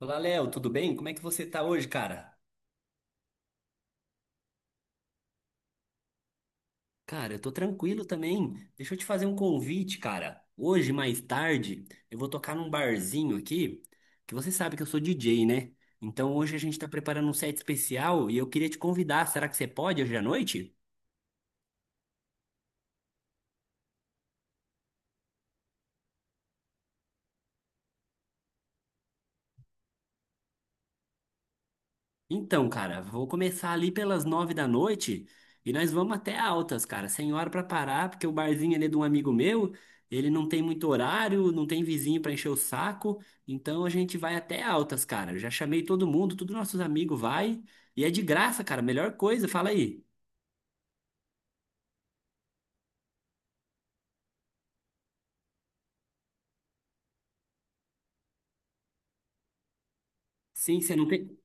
Olá, Léo, tudo bem? Como é que você tá hoje, cara? Cara, eu tô tranquilo também. Deixa eu te fazer um convite, cara. Hoje, mais tarde, eu vou tocar num barzinho aqui, que você sabe que eu sou DJ, né? Então hoje a gente tá preparando um set especial e eu queria te convidar. Será que você pode hoje à noite? Então, cara, vou começar ali pelas nove da noite e nós vamos até altas, cara, sem hora pra parar, porque o barzinho ali é de um amigo meu, ele não tem muito horário, não tem vizinho pra encher o saco, então a gente vai até altas, cara. Eu já chamei todo mundo, todos nossos amigos vai e é de graça, cara, melhor coisa, fala aí. Sim, você não tem,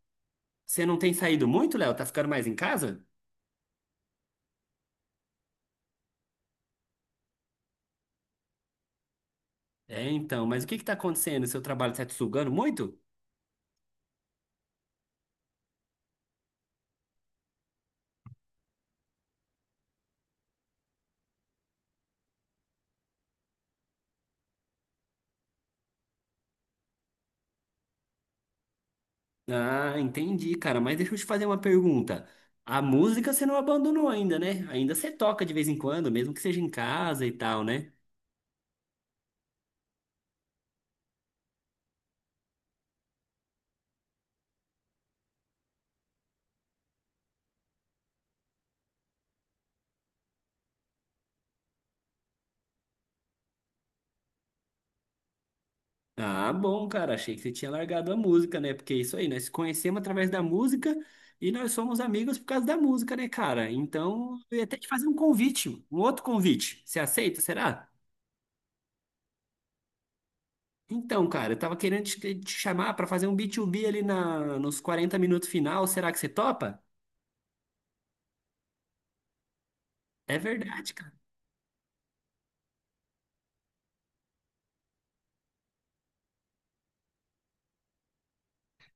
você não tem saído muito, Léo? Tá ficando mais em casa? É, então, mas o que que tá acontecendo? Seu trabalho tá te sugando muito? Ah, entendi, cara. Mas deixa eu te fazer uma pergunta. A música você não abandonou ainda, né? Ainda você toca de vez em quando, mesmo que seja em casa e tal, né? Ah, bom, cara. Achei que você tinha largado a música, né? Porque é isso aí, nós se conhecemos através da música e nós somos amigos por causa da música, né, cara? Então, eu ia até te fazer um convite, um outro convite. Você aceita, será? Então, cara, eu tava querendo te chamar pra fazer um B2B ali na, nos 40 minutos final. Será que você topa? É verdade, cara.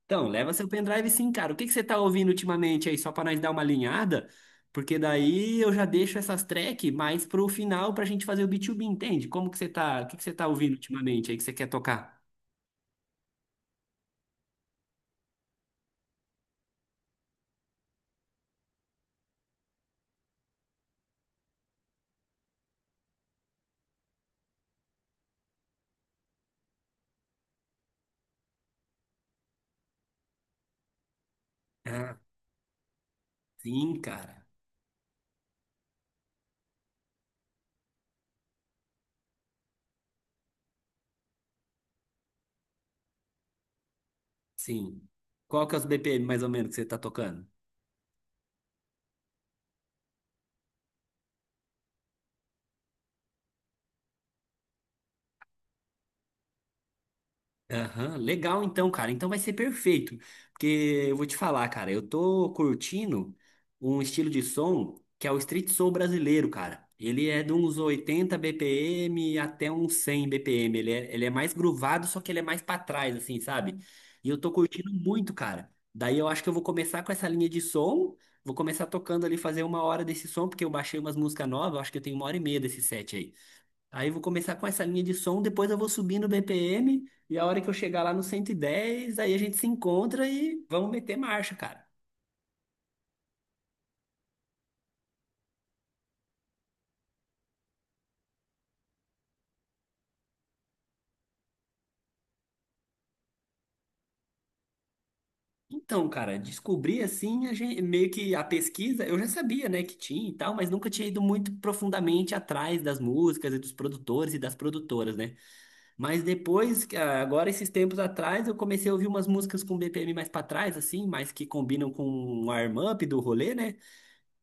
Então, leva seu pendrive sim, cara. O que que você tá ouvindo ultimamente aí, só pra nós dar uma alinhada? Porque daí eu já deixo essas tracks mais pro final pra gente fazer o B2B, entende? Como que você tá, o que que você tá ouvindo ultimamente aí que você quer tocar? Ah, sim, cara. Sim. Qual que é os BPM mais ou menos que você tá tocando? Aham, legal então, cara. Então vai ser perfeito. Porque eu vou te falar, cara, eu tô curtindo um estilo de som que é o street soul brasileiro, cara. Ele é de uns 80 BPM até uns 100 BPM. Ele é mais groovado, só que ele é mais pra trás, assim, sabe? E eu tô curtindo muito, cara. Daí eu acho que eu vou começar com essa linha de som. Vou começar tocando ali, fazer uma hora desse som, porque eu baixei umas músicas novas. Eu acho que eu tenho uma hora e meia desse set aí. Aí eu vou começar com essa linha de som, depois eu vou subindo o BPM e a hora que eu chegar lá no 110, aí a gente se encontra e vamos meter marcha, cara. Então, cara, descobri assim, a gente, meio que a pesquisa, eu já sabia, né, que tinha e tal, mas nunca tinha ido muito profundamente atrás das músicas e dos produtores e das produtoras, né? Mas depois, ah, agora esses tempos atrás, eu comecei a ouvir umas músicas com BPM mais pra trás, assim, mais que combinam com o warm-up do rolê, né?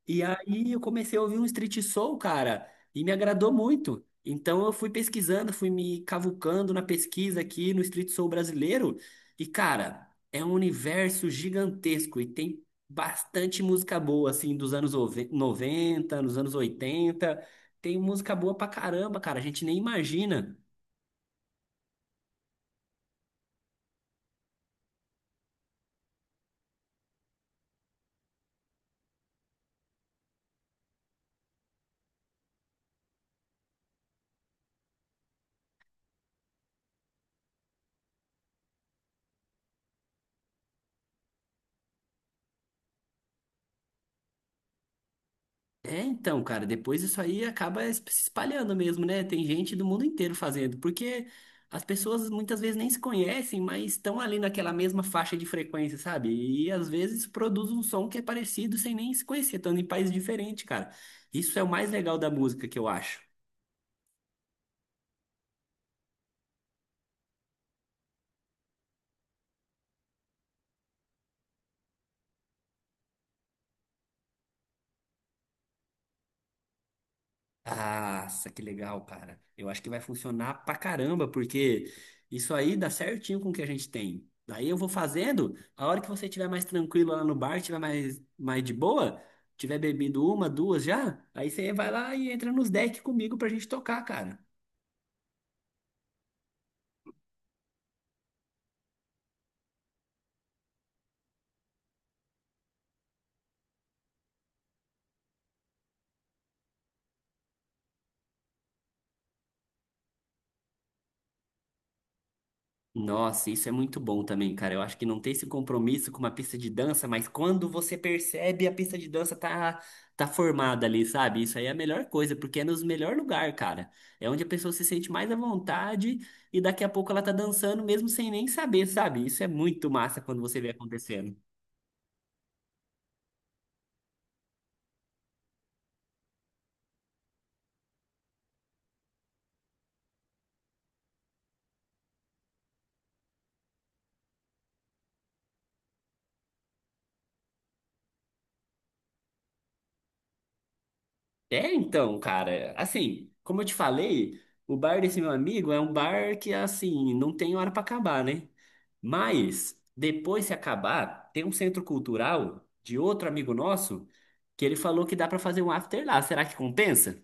E aí eu comecei a ouvir um street soul, cara, e me agradou muito. Então eu fui pesquisando, fui me cavucando na pesquisa aqui no street soul brasileiro. E, cara, é um universo gigantesco e tem bastante música boa, assim, dos anos 90, nos anos oitenta. Tem música boa pra caramba, cara, a gente nem imagina. É, então, cara, depois isso aí acaba se espalhando mesmo, né? Tem gente do mundo inteiro fazendo, porque as pessoas muitas vezes nem se conhecem, mas estão ali naquela mesma faixa de frequência, sabe? E às vezes produz um som que é parecido sem nem se conhecer, estando em países diferentes, cara. Isso é o mais legal da música que eu acho. Nossa, que legal, cara. Eu acho que vai funcionar pra caramba, porque isso aí dá certinho com o que a gente tem. Daí eu vou fazendo, a hora que você estiver mais tranquilo lá no bar, estiver mais, mais de boa, tiver bebido uma, duas já, aí você vai lá e entra nos decks comigo pra gente tocar, cara. Nossa, isso é muito bom também, cara. Eu acho que não ter esse compromisso com uma pista de dança, mas quando você percebe a pista de dança tá formada ali, sabe? Isso aí é a melhor coisa, porque é nos melhor lugar, cara. É onde a pessoa se sente mais à vontade e daqui a pouco ela tá dançando mesmo sem nem saber, sabe? Isso é muito massa quando você vê acontecendo. É, então, cara, assim, como eu te falei, o bar desse meu amigo é um bar que, assim, não tem hora pra acabar, né? Mas, depois se acabar, tem um centro cultural de outro amigo nosso que ele falou que dá pra fazer um after lá. Será que compensa?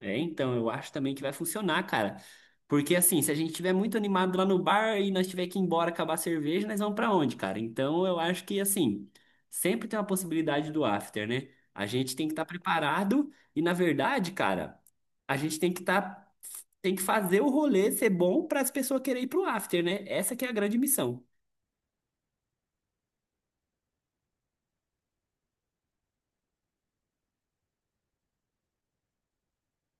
É, então, eu acho também que vai funcionar, cara. Porque assim, se a gente estiver muito animado lá no bar e nós tiver que ir embora acabar a cerveja, nós vamos pra onde, cara? Então, eu acho que assim, sempre tem uma possibilidade do after, né? A gente tem que estar preparado e na verdade, cara, a gente tem que estar tem que fazer o rolê ser bom para as pessoas quererem ir pro after, né? Essa que é a grande missão.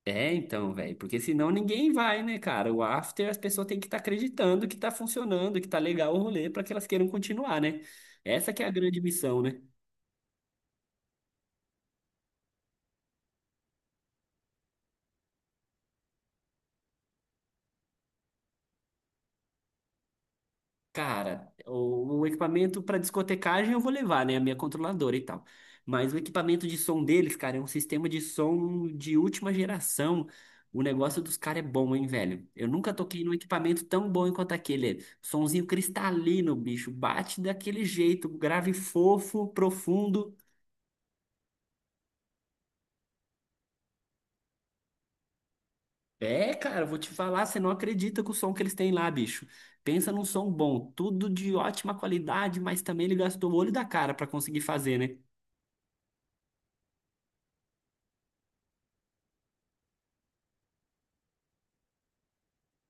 É, então, velho, porque senão ninguém vai, né, cara? O after, as pessoas têm que estar acreditando que tá funcionando, que tá legal o rolê para que elas queiram continuar, né? Essa que é a grande missão, né? Cara, o equipamento para discotecagem eu vou levar, né? A minha controladora e tal. Mas o equipamento de som deles, cara, é um sistema de som de última geração. O negócio dos caras é bom, hein, velho? Eu nunca toquei num equipamento tão bom quanto aquele. Sonzinho cristalino, bicho. Bate daquele jeito, grave fofo, profundo. É, cara, eu vou te falar, você não acredita com o som que eles têm lá, bicho. Pensa num som bom, tudo de ótima qualidade, mas também ele gastou o olho da cara pra conseguir fazer, né?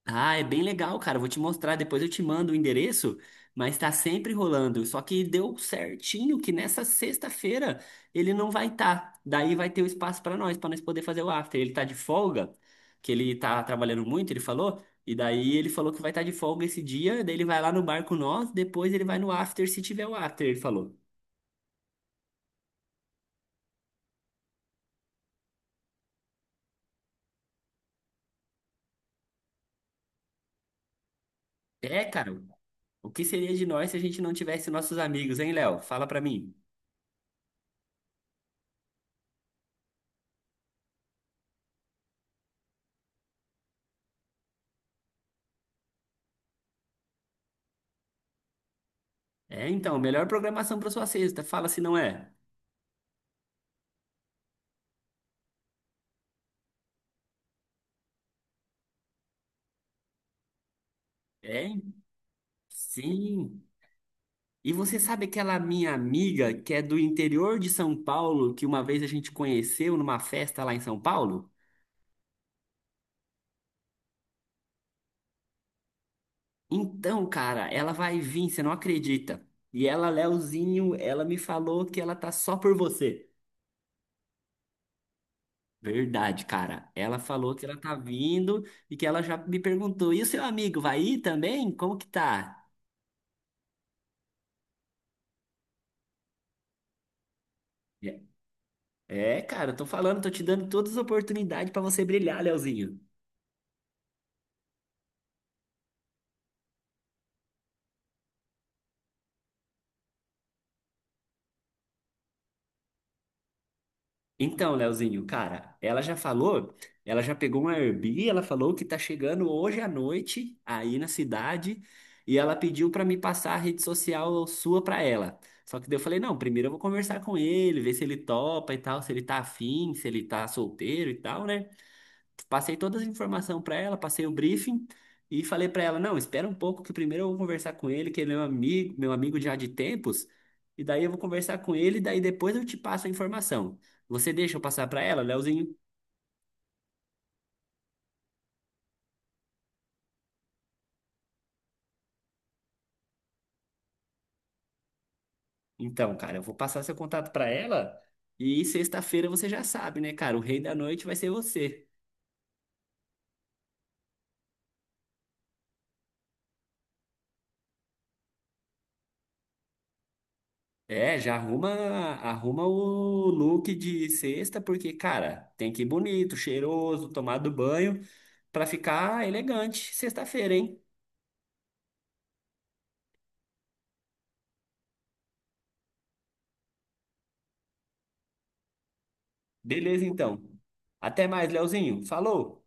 Ah, é bem legal, cara. Eu vou te mostrar, depois eu te mando o endereço, mas tá sempre rolando. Só que deu certinho que nessa sexta-feira ele não vai estar. Daí vai ter o espaço pra nós, poder fazer o after. Ele tá de folga, que ele tá trabalhando muito, ele falou. E daí ele falou que vai estar de folga esse dia, daí ele vai lá no bar com nós, depois ele vai no after se tiver o after, ele falou. É, cara, o que seria de nós se a gente não tivesse nossos amigos, hein, Léo? Fala pra mim. É, então, melhor programação pra sua sexta. Fala se não é. É, sim. E você sabe aquela minha amiga que é do interior de São Paulo, que uma vez a gente conheceu numa festa lá em São Paulo? Então, cara, ela vai vir, você não acredita. E ela, Leozinho, ela me falou que ela tá só por você. Verdade, cara. Ela falou que ela tá vindo e que ela já me perguntou: e o seu amigo vai ir também? Como que tá? É, é, cara, eu tô falando, tô te dando todas as oportunidades pra você brilhar, Leozinho. Então, Leozinho, cara, ela já falou, ela já pegou uma Airbnb, ela falou que tá chegando hoje à noite aí na cidade e ela pediu pra me passar a rede social sua pra ela. Só que daí eu falei, não, primeiro eu vou conversar com ele, ver se ele topa e tal, se ele tá afim, se ele tá solteiro e tal, né? Passei todas as informações para ela, passei o briefing e falei para ela, não, espera um pouco que primeiro eu vou conversar com ele, que ele é meu amigo já de tempos, e daí eu vou conversar com ele, e daí depois eu te passo a informação. Você deixa eu passar para ela, Leozinho? Então, cara, eu vou passar seu contato para ela e sexta-feira você já sabe, né, cara? O rei da noite vai ser você. É, já arruma, arruma o look de sexta, porque, cara, tem que ir bonito, cheiroso, tomado banho, pra ficar elegante sexta-feira, hein? Beleza, então. Até mais, Leozinho. Falou!